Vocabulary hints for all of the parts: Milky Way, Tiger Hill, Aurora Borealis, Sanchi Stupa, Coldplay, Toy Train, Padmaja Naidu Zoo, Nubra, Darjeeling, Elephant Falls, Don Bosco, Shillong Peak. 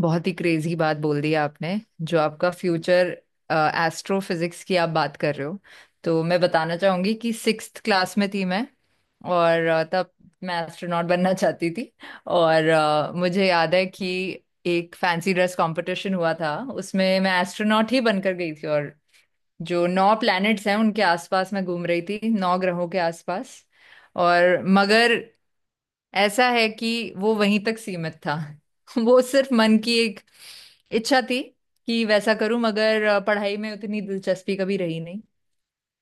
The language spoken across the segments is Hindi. बहुत ही क्रेजी बात बोल दी आपने। जो आपका फ्यूचर एस्ट्रोफिजिक्स की आप बात कर रहे हो, तो मैं बताना चाहूंगी कि सिक्स्थ क्लास में थी मैं। और तब मैं एस्ट्रोनॉट बनना चाहती थी। और मुझे याद है कि एक फैंसी ड्रेस कंपटीशन हुआ था, उसमें मैं एस्ट्रोनॉट ही बनकर गई थी। और जो नौ प्लैनेट्स हैं उनके आसपास मैं घूम रही थी, नौ ग्रहों के आसपास। और मगर ऐसा है कि वो वहीं तक सीमित था। वो सिर्फ मन की एक इच्छा थी कि वैसा करूं। मगर पढ़ाई में उतनी दिलचस्पी कभी रही नहीं।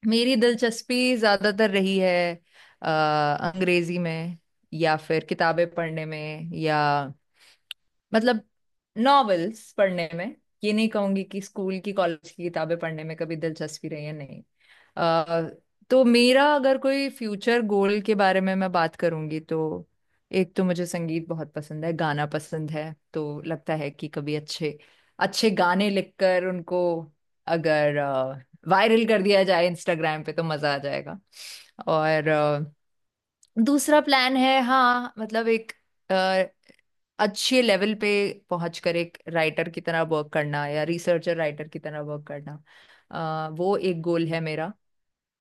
मेरी दिलचस्पी ज्यादातर रही है अ, अंग्रेजी में, या फिर किताबें पढ़ने में, या मतलब नॉवेल्स पढ़ने में। ये नहीं कहूंगी कि स्कूल की कॉलेज की किताबें पढ़ने में कभी दिलचस्पी रही है, नहीं। आ, तो मेरा, अगर कोई फ्यूचर गोल के बारे में मैं बात करूंगी, तो एक तो मुझे संगीत बहुत पसंद है, गाना पसंद है। तो लगता है कि कभी अच्छे अच्छे गाने लिखकर उनको अगर वायरल कर दिया जाए इंस्टाग्राम पे, तो मजा आ जाएगा। और दूसरा प्लान है, हाँ मतलब, एक अच्छे लेवल पे पहुंच कर एक राइटर की तरह वर्क करना, या रिसर्चर राइटर की तरह वर्क करना। वो एक गोल है मेरा।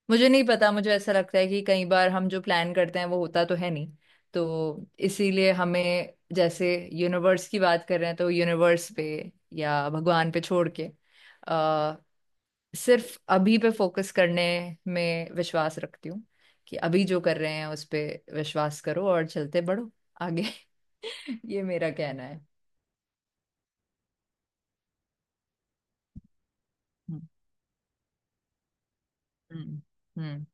मुझे नहीं पता, मुझे ऐसा लगता है कि कई बार हम जो प्लान करते हैं वो होता तो है नहीं। तो इसीलिए हमें, जैसे यूनिवर्स की बात कर रहे हैं तो यूनिवर्स पे या भगवान पे छोड़ के अ, सिर्फ अभी पे फोकस करने में विश्वास रखती हूँ। कि अभी जो कर रहे हैं उस पे विश्वास करो, और चलते बढ़ो आगे। ये मेरा कहना है। हम्म। हम्म। हम्म।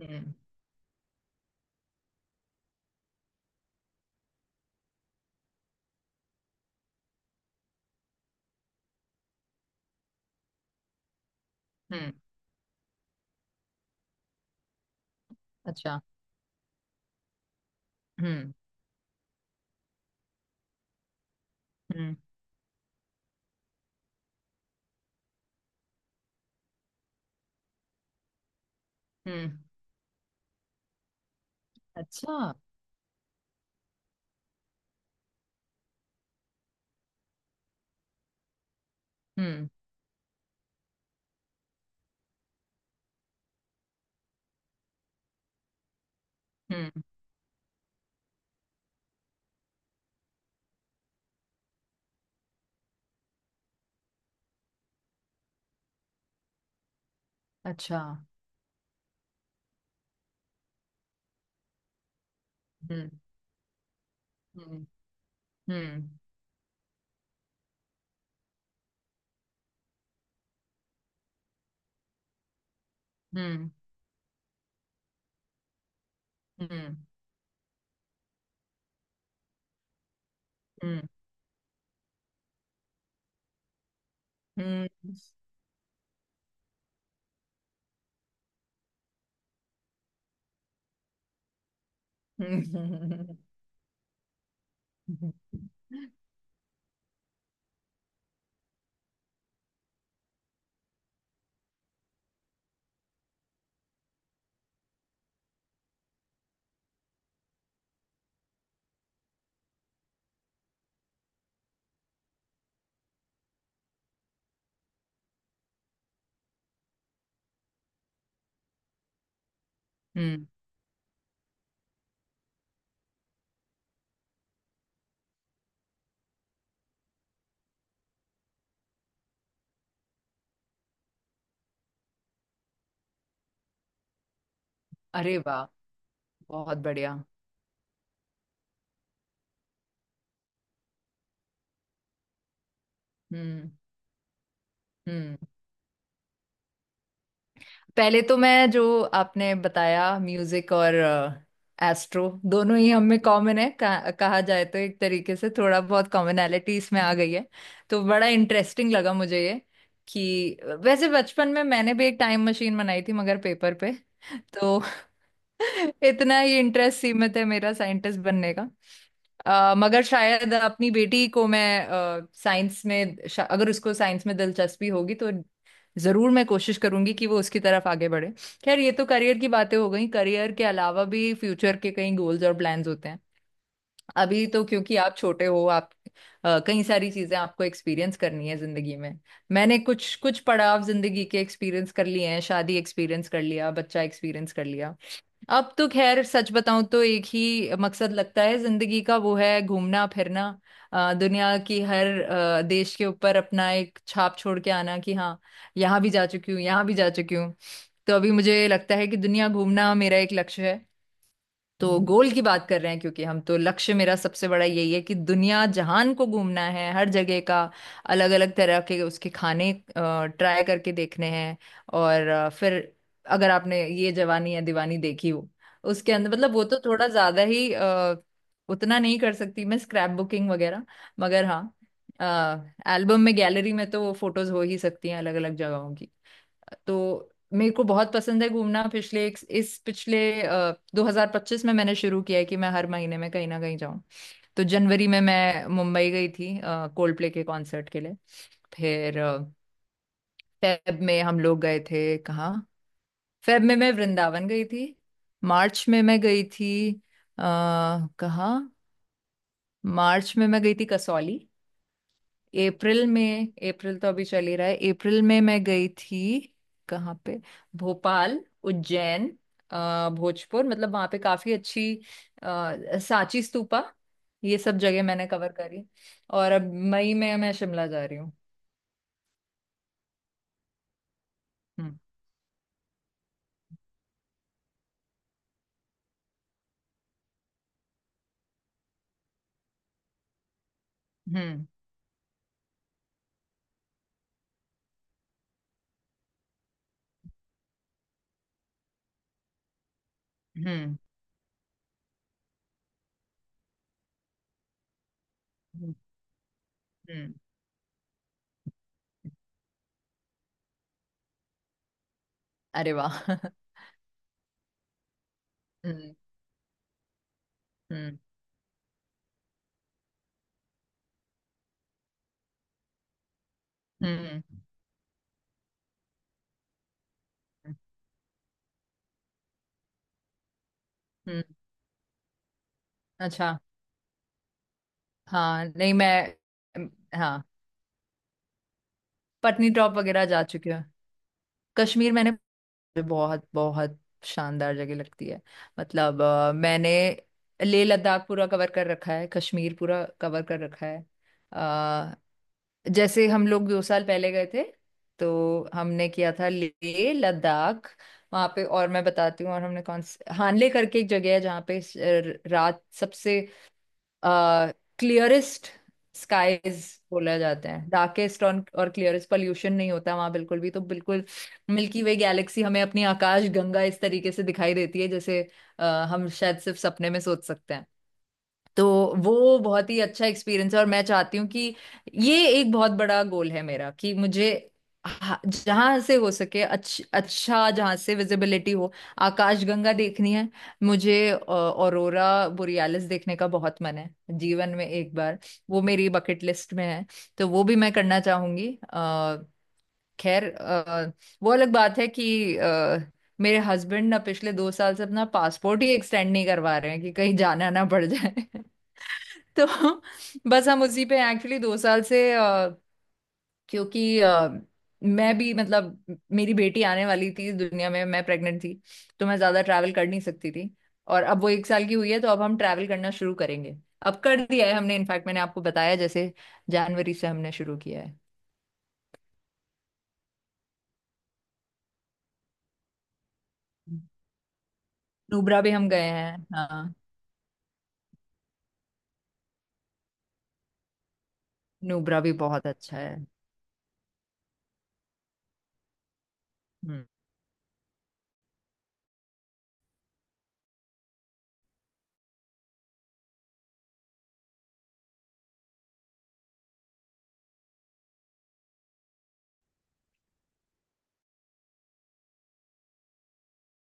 हम्म। हम्म, अच्छा। हम्म। हम्म। हम्म। अच्छा। हम्म। हम्म। अच्छा। हम्म। हम्म। हम्म। हम्म। हम्म। हम्म। हम्म। हम्म, हम्म, अरे वाह। बहुत बढ़िया। हम्म। हम्म। पहले तो मैं, जो आपने बताया, म्यूजिक और एस्ट्रो दोनों ही हम में कॉमन है, कहा जाए तो एक तरीके से थोड़ा बहुत कॉमनैलिटी इसमें आ गई है। तो बड़ा इंटरेस्टिंग लगा मुझे ये। कि वैसे बचपन में मैंने भी एक टाइम मशीन बनाई थी, मगर पेपर पे। तो इतना ही इंटरेस्ट सीमित है मेरा साइंटिस्ट बनने का। मगर शायद अपनी बेटी को मैं साइंस में, अगर उसको साइंस में दिलचस्पी होगी तो जरूर मैं कोशिश करूंगी कि वो उसकी तरफ आगे बढ़े। खैर, ये तो करियर की बातें हो गई। करियर के अलावा भी फ्यूचर के कई गोल्स और प्लान्स होते हैं। अभी तो क्योंकि आप छोटे हो, आप कई सारी चीजें आपको एक्सपीरियंस करनी है जिंदगी में। मैंने कुछ कुछ पड़ाव जिंदगी के एक्सपीरियंस कर लिए हैं, शादी एक्सपीरियंस कर लिया, बच्चा एक्सपीरियंस कर लिया। अब तो खैर सच बताऊं तो एक ही मकसद लगता है जिंदगी का, वो है घूमना फिरना। दुनिया की हर देश के ऊपर अपना एक छाप छोड़ के आना कि हाँ, यहाँ भी जा चुकी हूँ, यहाँ भी जा चुकी हूँ। तो अभी मुझे लगता है कि दुनिया घूमना मेरा एक लक्ष्य है। तो गोल की बात कर रहे हैं क्योंकि हम, तो लक्ष्य मेरा सबसे बड़ा यही है कि दुनिया जहान को घूमना है, हर जगह का अलग अलग तरह के उसके खाने ट्राई करके देखने हैं। और फिर, अगर आपने ये जवानी या दीवानी देखी हो, उसके अंदर, मतलब वो तो थोड़ा ज्यादा ही उतना नहीं कर सकती मैं, स्क्रैप बुकिंग वगैरह। मगर हाँ, एल्बम में, गैलरी में तो वो फोटोज हो ही सकती हैं अलग अलग जगहों। तो मेरे को बहुत पसंद है घूमना। पिछले इस पिछले 2025 में मैंने शुरू किया है कि मैं हर महीने में कहीं ना कहीं जाऊं। तो जनवरी में मैं मुंबई गई थी, कोल्ड प्ले के कॉन्सर्ट के लिए। फिर फेब में हम लोग गए थे कहाँ? फेब में मैं वृंदावन गई थी। मार्च में मैं गई थी, कहाँ? मार्च में मैं गई थी कसौली। अप्रैल में, अप्रैल तो अभी चल ही रहा है, अप्रैल में मैं गई थी, कहाँ पे? भोपाल, उज्जैन, भोजपुर, मतलब वहाँ पे काफी अच्छी सांची स्तूपा, ये सब जगह मैंने कवर करी। और अब मई में मैं शिमला जा रही हूँ। हम्म। हम्म। हम्म। हम्म। हम्म। अरे वाह। हम्म। हम्म। हम्म। हम्म। अच्छा। हाँ, नहीं मैं, हाँ। पत्नी टॉप वगैरह जा चुकी हूँ। कश्मीर मैंने, मुझे बहुत बहुत शानदार जगह लगती है। मतलब मैंने लेह लद्दाख पूरा कवर कर रखा है, कश्मीर पूरा कवर कर रखा है। अ, जैसे हम लोग 2 साल पहले गए थे, तो हमने किया था लेह लद्दाख। वहाँ पे, और मैं बताती हूँ, और हमने कौन से हानले करके एक जगह है जहाँ पे रात सबसे क्लियरेस्ट स्काईज बोला जाता है, डार्केस्ट और क्लियरेस्ट। पोल्यूशन नहीं होता वहां बिल्कुल भी, तो बिल्कुल मिल्की वे गैलेक्सी, हमें अपनी आकाश गंगा इस तरीके से दिखाई देती है, जैसे अ, हम शायद सिर्फ सपने में सोच सकते हैं। तो वो बहुत ही अच्छा एक्सपीरियंस है। और मैं चाहती हूँ कि, ये एक बहुत बड़ा गोल है मेरा, कि मुझे जहाँ से हो सके अच्छा जहाँ से विजिबिलिटी हो, आकाशगंगा देखनी है। मुझे ऑरोरा बोरियालिस देखने का बहुत मन है, जीवन में एक बार। वो मेरी बकेट लिस्ट में है, तो वो भी मैं करना चाहूंगी। खैर वो अलग बात है कि मेरे हस्बैंड ना पिछले 2 साल से अपना पासपोर्ट ही एक्सटेंड नहीं करवा रहे हैं, कि कहीं जाना ना पड़ जाए। तो बस हम उसी पे एक्चुअली 2 साल से, क्योंकि मैं भी, मतलब मेरी बेटी आने वाली थी इस दुनिया में, मैं प्रेग्नेंट थी। तो मैं ज्यादा ट्रैवल कर नहीं सकती थी। और अब वो 1 साल की हुई है, तो अब हम ट्रैवल करना शुरू करेंगे। अब कर दिया है हमने, इनफैक्ट मैंने आपको बताया जैसे, जनवरी से हमने शुरू किया है। नुब्रा भी हम गए हैं, हाँ। नुब्रा भी बहुत अच्छा है। हम्म।